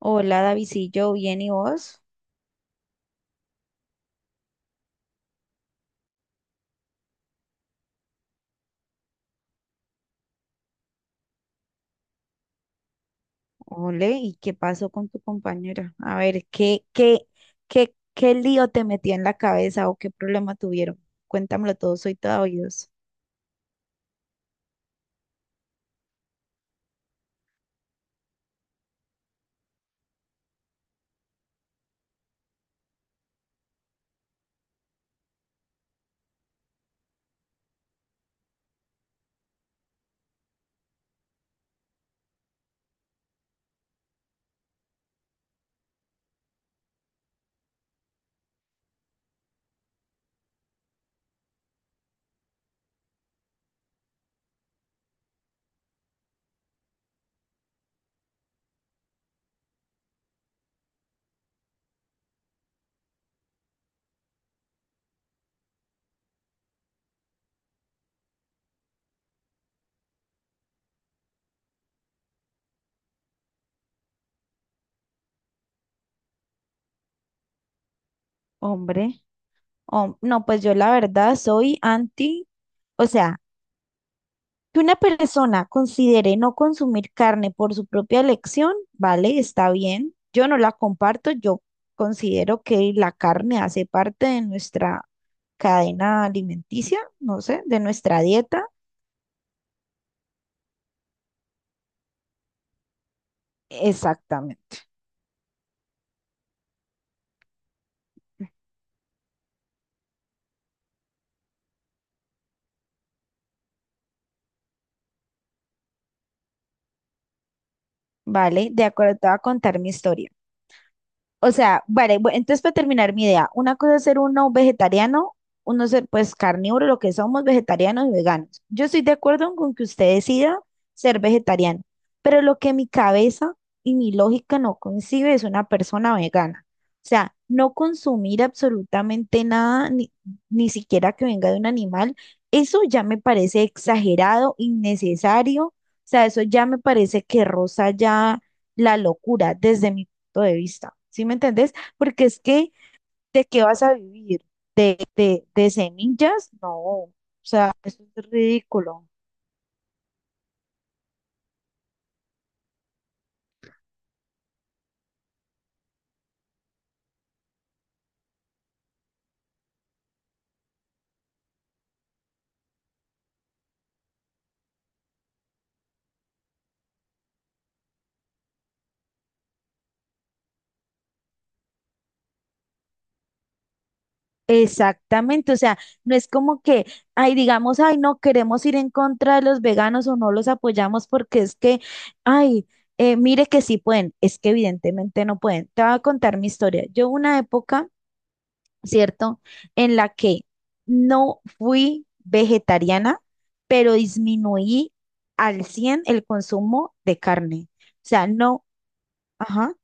Hola, David, sí, yo, ¿bien y vos? Ole, ¿y qué pasó con tu compañera? A ver, ¿qué lío te metió en la cabeza o qué problema tuvieron? Cuéntamelo todo, soy toda oídos. Hombre, no, pues yo la verdad soy anti, o sea, que una persona considere no consumir carne por su propia elección, vale, está bien. Yo no la comparto, yo considero que la carne hace parte de nuestra cadena alimenticia, no sé, de nuestra dieta. Exactamente. Vale, de acuerdo, te voy a contar mi historia. O sea, vale, entonces para terminar mi idea, una cosa es ser uno vegetariano, uno ser pues carnívoro, lo que somos vegetarianos y veganos. Yo estoy de acuerdo con que usted decida ser vegetariano, pero lo que mi cabeza y mi lógica no concibe es una persona vegana. O sea, no consumir absolutamente nada, ni siquiera que venga de un animal, eso ya me parece exagerado, innecesario. O sea, eso ya me parece que roza ya la locura desde mi punto de vista, ¿sí me entendés? Porque es que, ¿de qué vas a vivir? ¿De semillas? No, o sea, eso es ridículo. Exactamente, o sea, no es como que, ay, digamos, ay, no queremos ir en contra de los veganos o no los apoyamos porque es que, ay, mire que sí pueden, es que evidentemente no pueden. Te voy a contar mi historia. Yo una época, ¿cierto? En la que no fui vegetariana, pero disminuí al 100 el consumo de carne. O sea, no, ajá,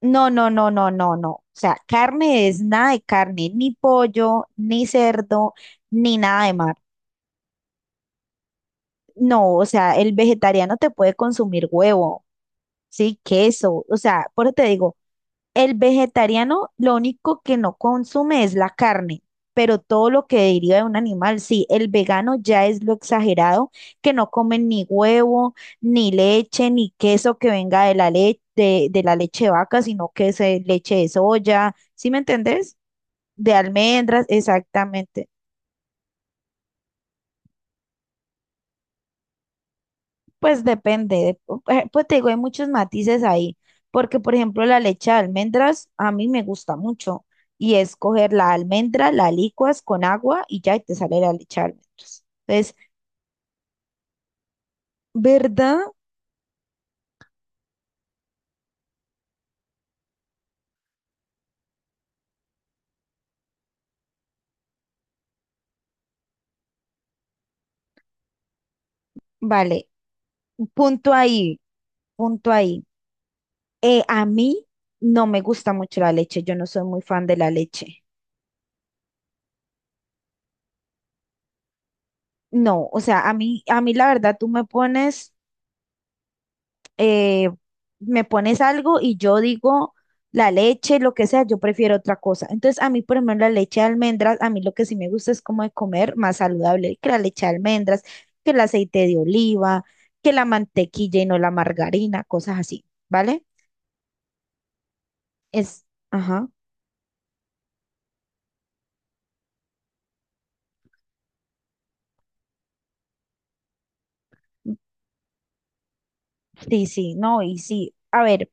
no, no, no, no, no, no. O sea, carne es nada de carne, ni pollo, ni cerdo, ni nada de mar. No, o sea, el vegetariano te puede consumir huevo, sí, queso, o sea, por eso te digo, el vegetariano lo único que no consume es la carne, pero todo lo que deriva de un animal, sí, el vegano ya es lo exagerado, que no comen ni huevo, ni leche, ni queso que venga de la leche, de la leche de vaca, sino que es leche de soya, ¿sí me entendés? De almendras, exactamente. Pues depende, pues te digo, hay muchos matices ahí, porque por ejemplo la leche de almendras a mí me gusta mucho y es coger la almendra, la licuas con agua y ya y te sale la leche de almendras. Entonces, ¿verdad? Vale, punto ahí, punto ahí. A mí no me gusta mucho la leche, yo no soy muy fan de la leche. No, o sea, a mí la verdad tú eh, me pones algo y yo digo la leche, lo que sea, yo prefiero otra cosa. Entonces, a mí, por ejemplo, la leche de almendras, a mí lo que sí me gusta es como de comer más saludable que la leche de almendras, que el aceite de oliva, que la mantequilla y no la margarina, cosas así, ¿vale? Es, ajá, sí, sí, no, y sí. A ver,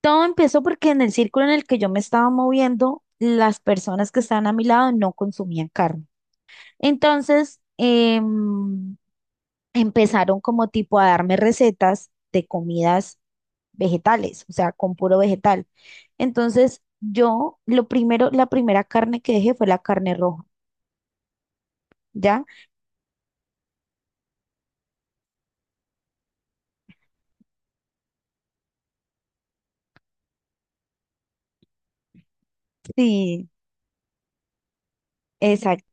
todo empezó porque en el círculo en el que yo me estaba moviendo, las personas que estaban a mi lado no consumían carne. Entonces, empezaron como tipo a darme recetas de comidas vegetales, o sea, con puro vegetal. Entonces, yo lo primero, la primera carne que dejé fue la carne roja, ¿ya? Sí, exact-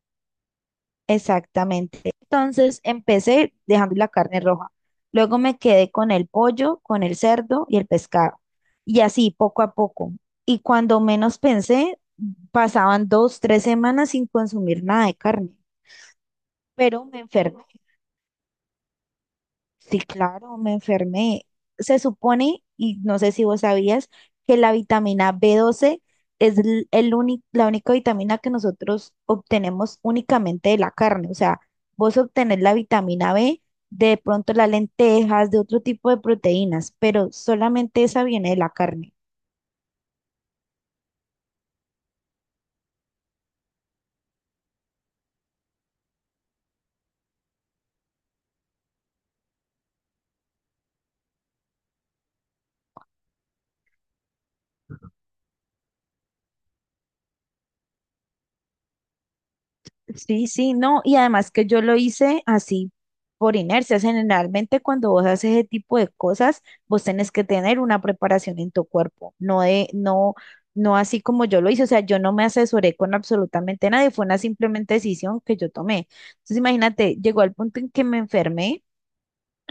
exactamente. Entonces, empecé dejando la carne roja. Luego me quedé con el pollo, con el cerdo y el pescado. Y así, poco a poco. Y cuando menos pensé, pasaban dos, tres semanas sin consumir nada de carne, pero me enfermé. Sí, claro, me enfermé. Se supone, y no sé si vos sabías, que la vitamina B12 es el único, la única vitamina que nosotros obtenemos únicamente de la carne. O sea, vos obtenés la vitamina B de pronto las lentejas, de otro tipo de proteínas, pero solamente esa viene de la carne. Sí, sí, no, y además que yo lo hice así por inercia. Generalmente cuando vos haces ese tipo de cosas, vos tenés que tener una preparación en tu cuerpo, no de, no, no así como yo lo hice. O sea, yo no me asesoré con absolutamente nadie, fue una simplemente decisión que yo tomé. Entonces, imagínate, llegó al punto en que me enfermé.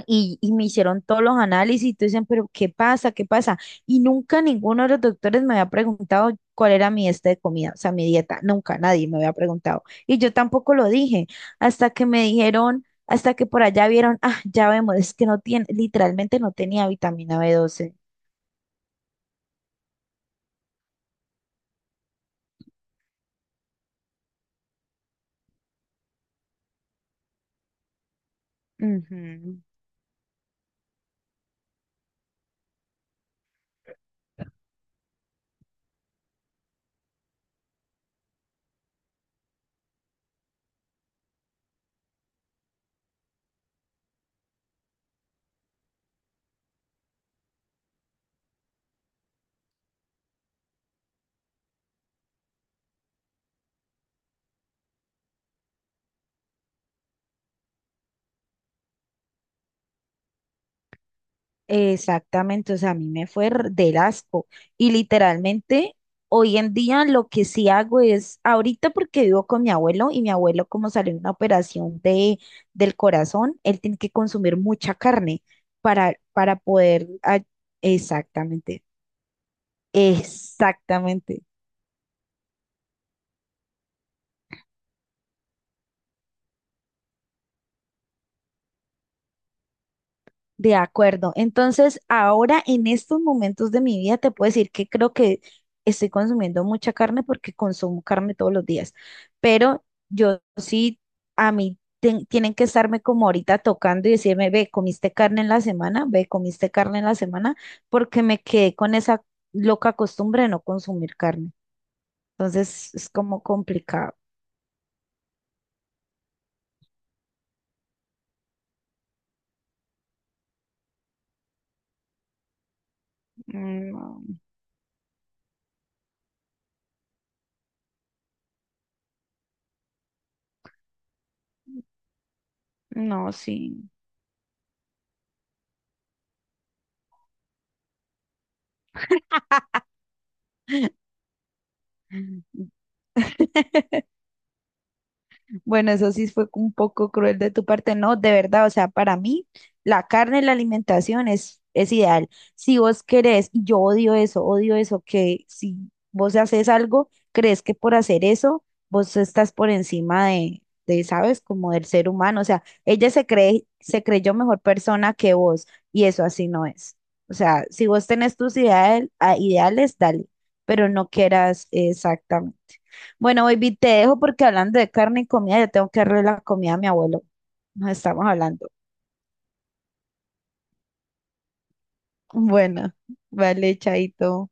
Y me hicieron todos los análisis y tú dicen, pero ¿qué pasa? ¿Qué pasa? Y nunca ninguno de los doctores me había preguntado cuál era mi este de comida, o sea, mi dieta. Nunca nadie me había preguntado. Y yo tampoco lo dije hasta que me dijeron, hasta que por allá vieron, ah, ya vemos, es que no tiene, literalmente no tenía vitamina B12. Ujú. Exactamente, o sea, a mí me fue del asco. Y literalmente, hoy en día lo que sí hago es, ahorita porque vivo con mi abuelo y mi abuelo como salió en una operación del corazón, él tiene que consumir mucha carne para poder. Exactamente, exactamente. De acuerdo. Entonces, ahora en estos momentos de mi vida te puedo decir que creo que estoy consumiendo mucha carne porque consumo carne todos los días. Pero yo sí, a mí tienen que estarme como ahorita tocando y decirme, ve, comiste carne en la semana, ve, comiste carne en la semana, porque me quedé con esa loca costumbre de no consumir carne. Entonces, es como complicado. Mm. No, no, sí. Bueno, eso sí fue un poco cruel de tu parte, no, de verdad, o sea, para mí la carne, la alimentación es ideal. Si vos querés, y yo odio eso, que si vos haces algo, crees que por hacer eso, vos estás por encima de, ¿sabes? Como del ser humano, o sea, ella se cree, se creyó mejor persona que vos, y eso así no es. O sea, si vos tenés tus ideales, dale, pero no quieras exactamente. Bueno, baby, te dejo porque hablando de carne y comida, yo tengo que darle la comida a mi abuelo. Nos estamos hablando. Bueno, vale, chaito.